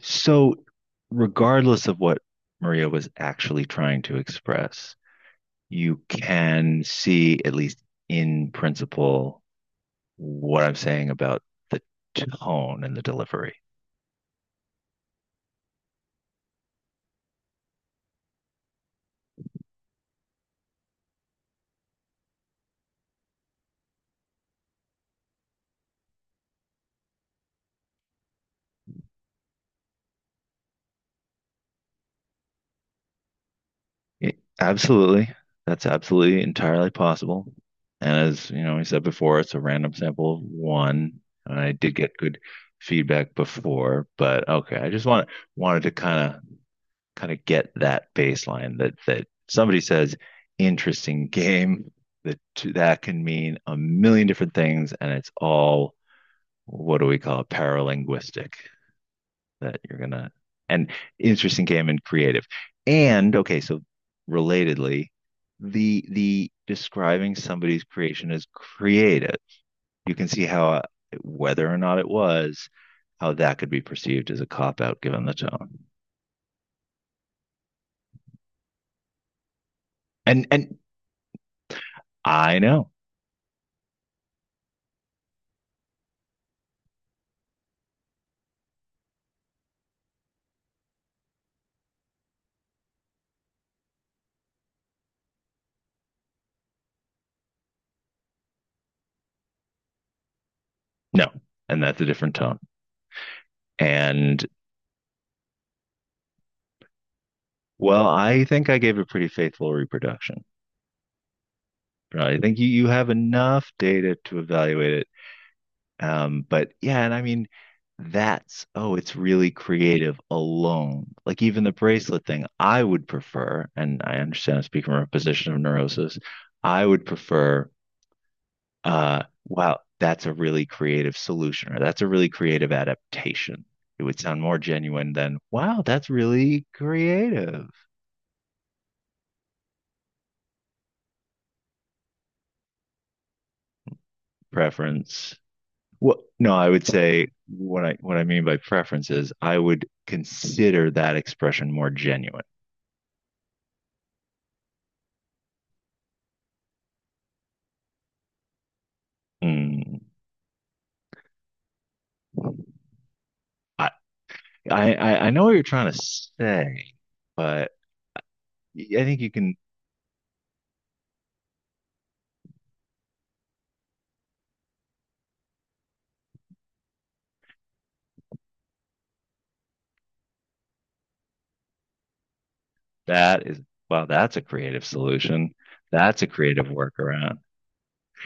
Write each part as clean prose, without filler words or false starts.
So, regardless of what Maria was actually trying to express, you can see, at least in principle, what I'm saying about the tone and the delivery. Absolutely. That's absolutely entirely possible. And as you know, we said before, it's a random sample of one. And I did get good feedback before, but okay, I just want wanted to kind of get that baseline that somebody says interesting game that that can mean a million different things and it's all what do we call it, paralinguistic, that you're gonna and interesting game and creative and okay, so relatedly, the describing somebody's creation as creative, you can see how, whether or not it was, how that could be perceived as a cop out given the tone and I know. No. And that's a different tone. And well, I think I gave a pretty faithful reproduction. Right. I think you, you have enough data to evaluate it. But yeah, and I mean, that's, oh, it's really creative alone. Like even the bracelet thing, I would prefer, and I understand I'm speaking from a position of neurosis, I would prefer, wow, that's a really creative solution, or that's a really creative adaptation. It would sound more genuine than, wow, that's really creative preference. Well, no, I would say what I, what I mean by preference is I would consider that expression more genuine. Mm. I know what you're trying to say, but I think you can. That is, well, that's a creative solution. That's a creative workaround.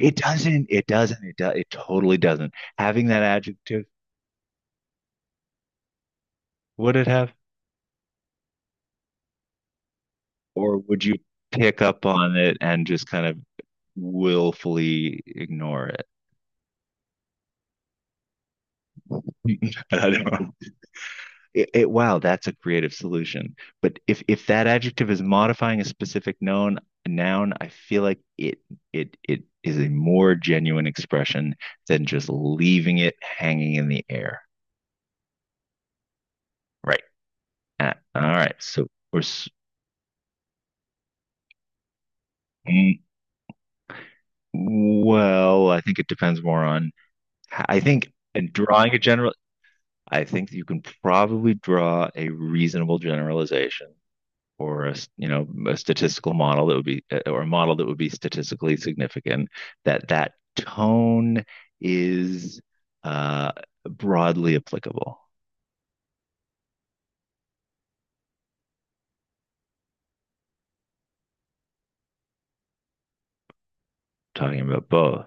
It doesn't. It doesn't. It does. It totally doesn't. Having that adjective, would it have, or would you pick up on it and just kind of willfully ignore it? I don't know. Wow, that's a creative solution. But if that adjective is modifying a specific noun, I feel like it is a more genuine expression than just leaving it hanging in the air. Right. Ah, all right. So or well, I think it depends more on. I think in drawing a general. I think you can probably draw a reasonable generalization or a, you know, a statistical model that would be or a model that would be statistically significant that that tone is uh, broadly applicable talking about both.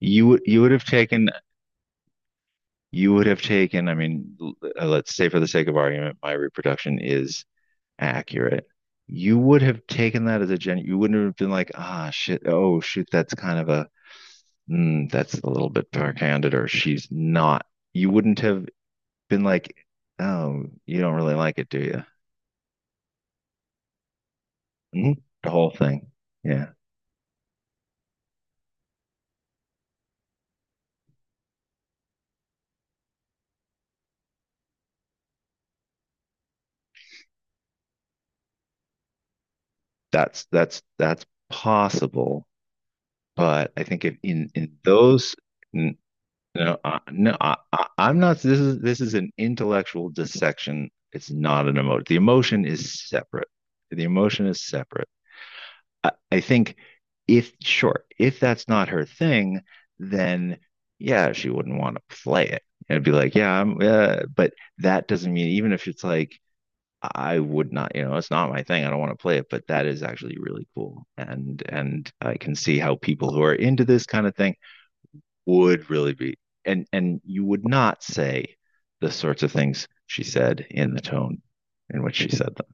You would have taken, you would have taken, I mean, let's say for the sake of argument my reproduction is accurate, you would have taken that as a gen, you wouldn't have been like, ah shit, oh shoot, that's kind of a mm, that's a little bit backhanded, or she's not, you wouldn't have been like, oh, you don't really like it, do you? Mhm. The whole thing. Yeah. That's possible, but I think if in in those n- no no, I'm not, this is this is an intellectual dissection. It's not an emotion. The emotion is separate. The emotion is separate. I think if sure, if that's not her thing, then yeah, she wouldn't want to play it. It'd be like, yeah, I'm, but that doesn't mean even if it's like I would not, you know, it's not my thing. I don't want to play it, but that is actually really cool. And I can see how people who are into this kind of thing would really be, and you would not say the sorts of things she said in the tone in which she said them.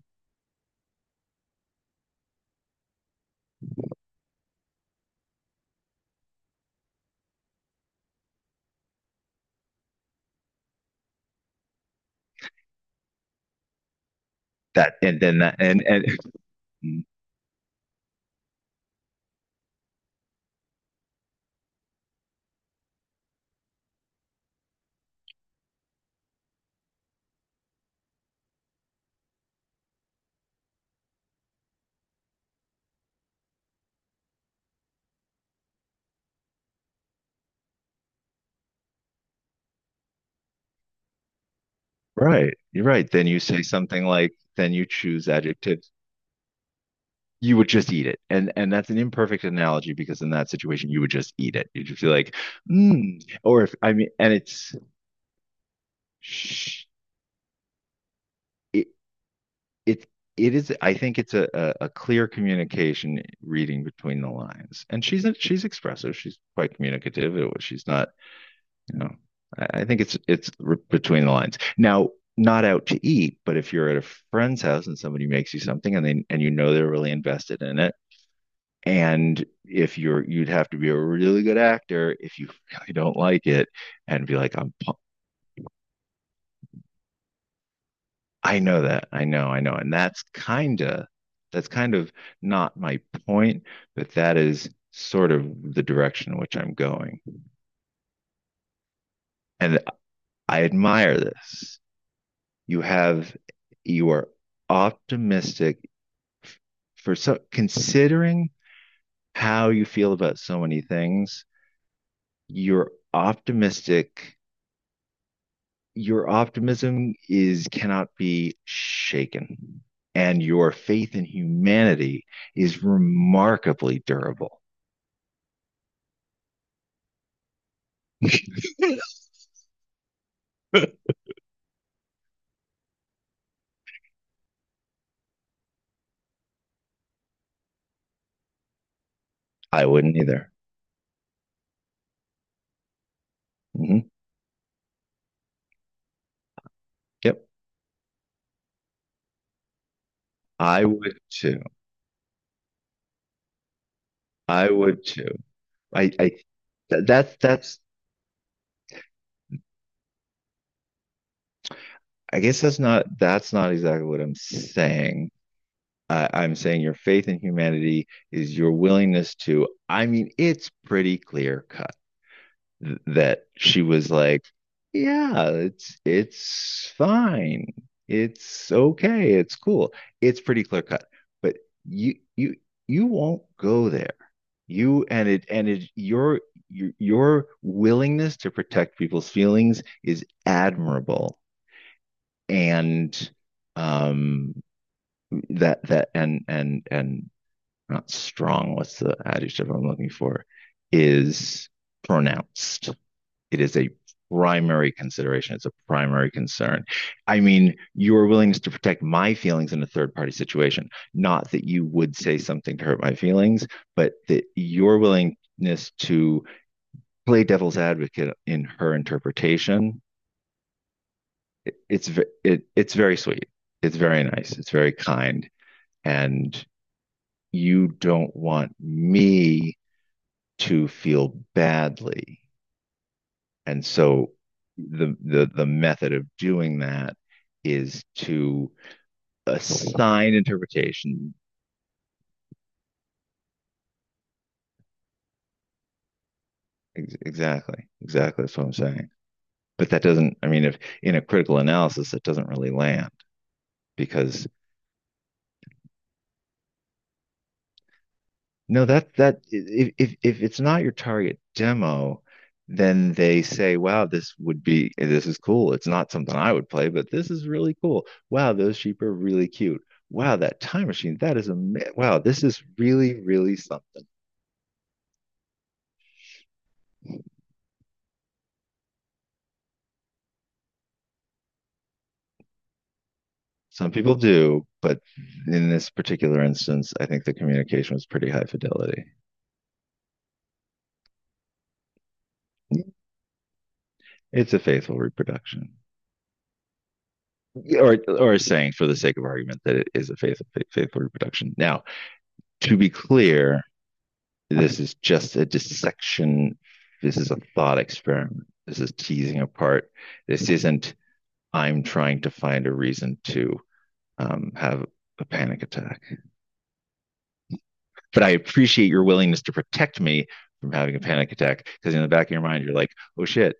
That and then that and right, you're right. Then you say something like, then you choose adjectives. You would just eat it, and that's an imperfect analogy because in that situation you would just eat it. You'd just be like, mm. Or if, I mean, and it's. Sh- it it it is, I think it's a, a clear communication reading between the lines. And she's expressive. She's quite communicative. She's not, you know, I think it's between the lines. Now, not out to eat, but if you're at a friend's house and somebody makes you something, and they and you know they're really invested in it, and if you're, you'd have to be a really good actor if you really don't like it and be like, I'm I know that. I know, I know. And that's kind of, that's kind of not my point, but that is sort of the direction in which I'm going. And I admire this. You have, you are optimistic for so considering how you feel about so many things, you're optimistic. Your optimism is cannot be shaken, and your faith in humanity is remarkably durable. I wouldn't either. Hmm. Yep, I would too. I would too. I that's, I guess that's not, that's not exactly what I'm saying. I'm saying your faith in humanity is your willingness to. I mean, it's pretty clear cut. That she was like, yeah, it's fine. It's okay. It's cool. It's pretty clear cut. But you you you won't go there. You, and it, and it, your your willingness to protect people's feelings is admirable. And um that that and not strong, what's the adjective I'm looking for, is pronounced, it is a primary consideration. It's a primary concern. I mean, your willingness to protect my feelings in a third party situation, not that you would say something to hurt my feelings, but that your willingness to play devil's advocate in her interpretation, it, it's it, it's very sweet. It's very nice. It's very kind, and you don't want me to feel badly. And so the method of doing that is to assign interpretation. Exactly, exactly. That's what I'm saying. But that doesn't. I mean, if in a critical analysis, it doesn't really land because no, that that, if if it's not your target demo, then they say, wow, this would be, this is cool. It's not something I would play, but this is really cool. Wow, those sheep are really cute. Wow, that time machine, that is amazing. Wow, this is really, really something. Some people do, but in this particular instance, I think the communication was pretty high fidelity. It's a faithful reproduction, or saying for the sake of argument that it is a faithful reproduction. Now, to be clear, this is just a dissection. This is a thought experiment. This is teasing apart. This isn't. I'm trying to find a reason to have a panic attack. But I appreciate your willingness to protect me from having a panic attack because in the back of your mind, you're like, oh shit,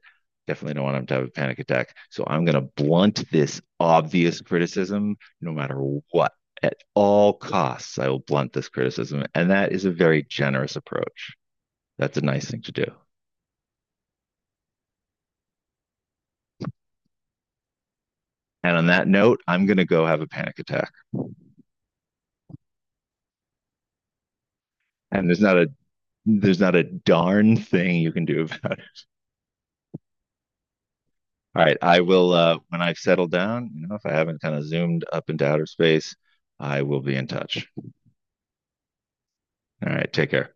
definitely don't want him to have a panic attack. So I'm going to blunt this obvious criticism no matter what. At all costs, I will blunt this criticism. And that is a very generous approach. That's a nice thing to do. And on that note, I'm going to go have a panic attack. And there's not a, there's not a darn thing you can do about. All right, I will when I've settled down, you know, if I haven't kind of zoomed up into outer space, I will be in touch. All right, take care.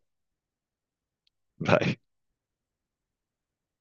Bye.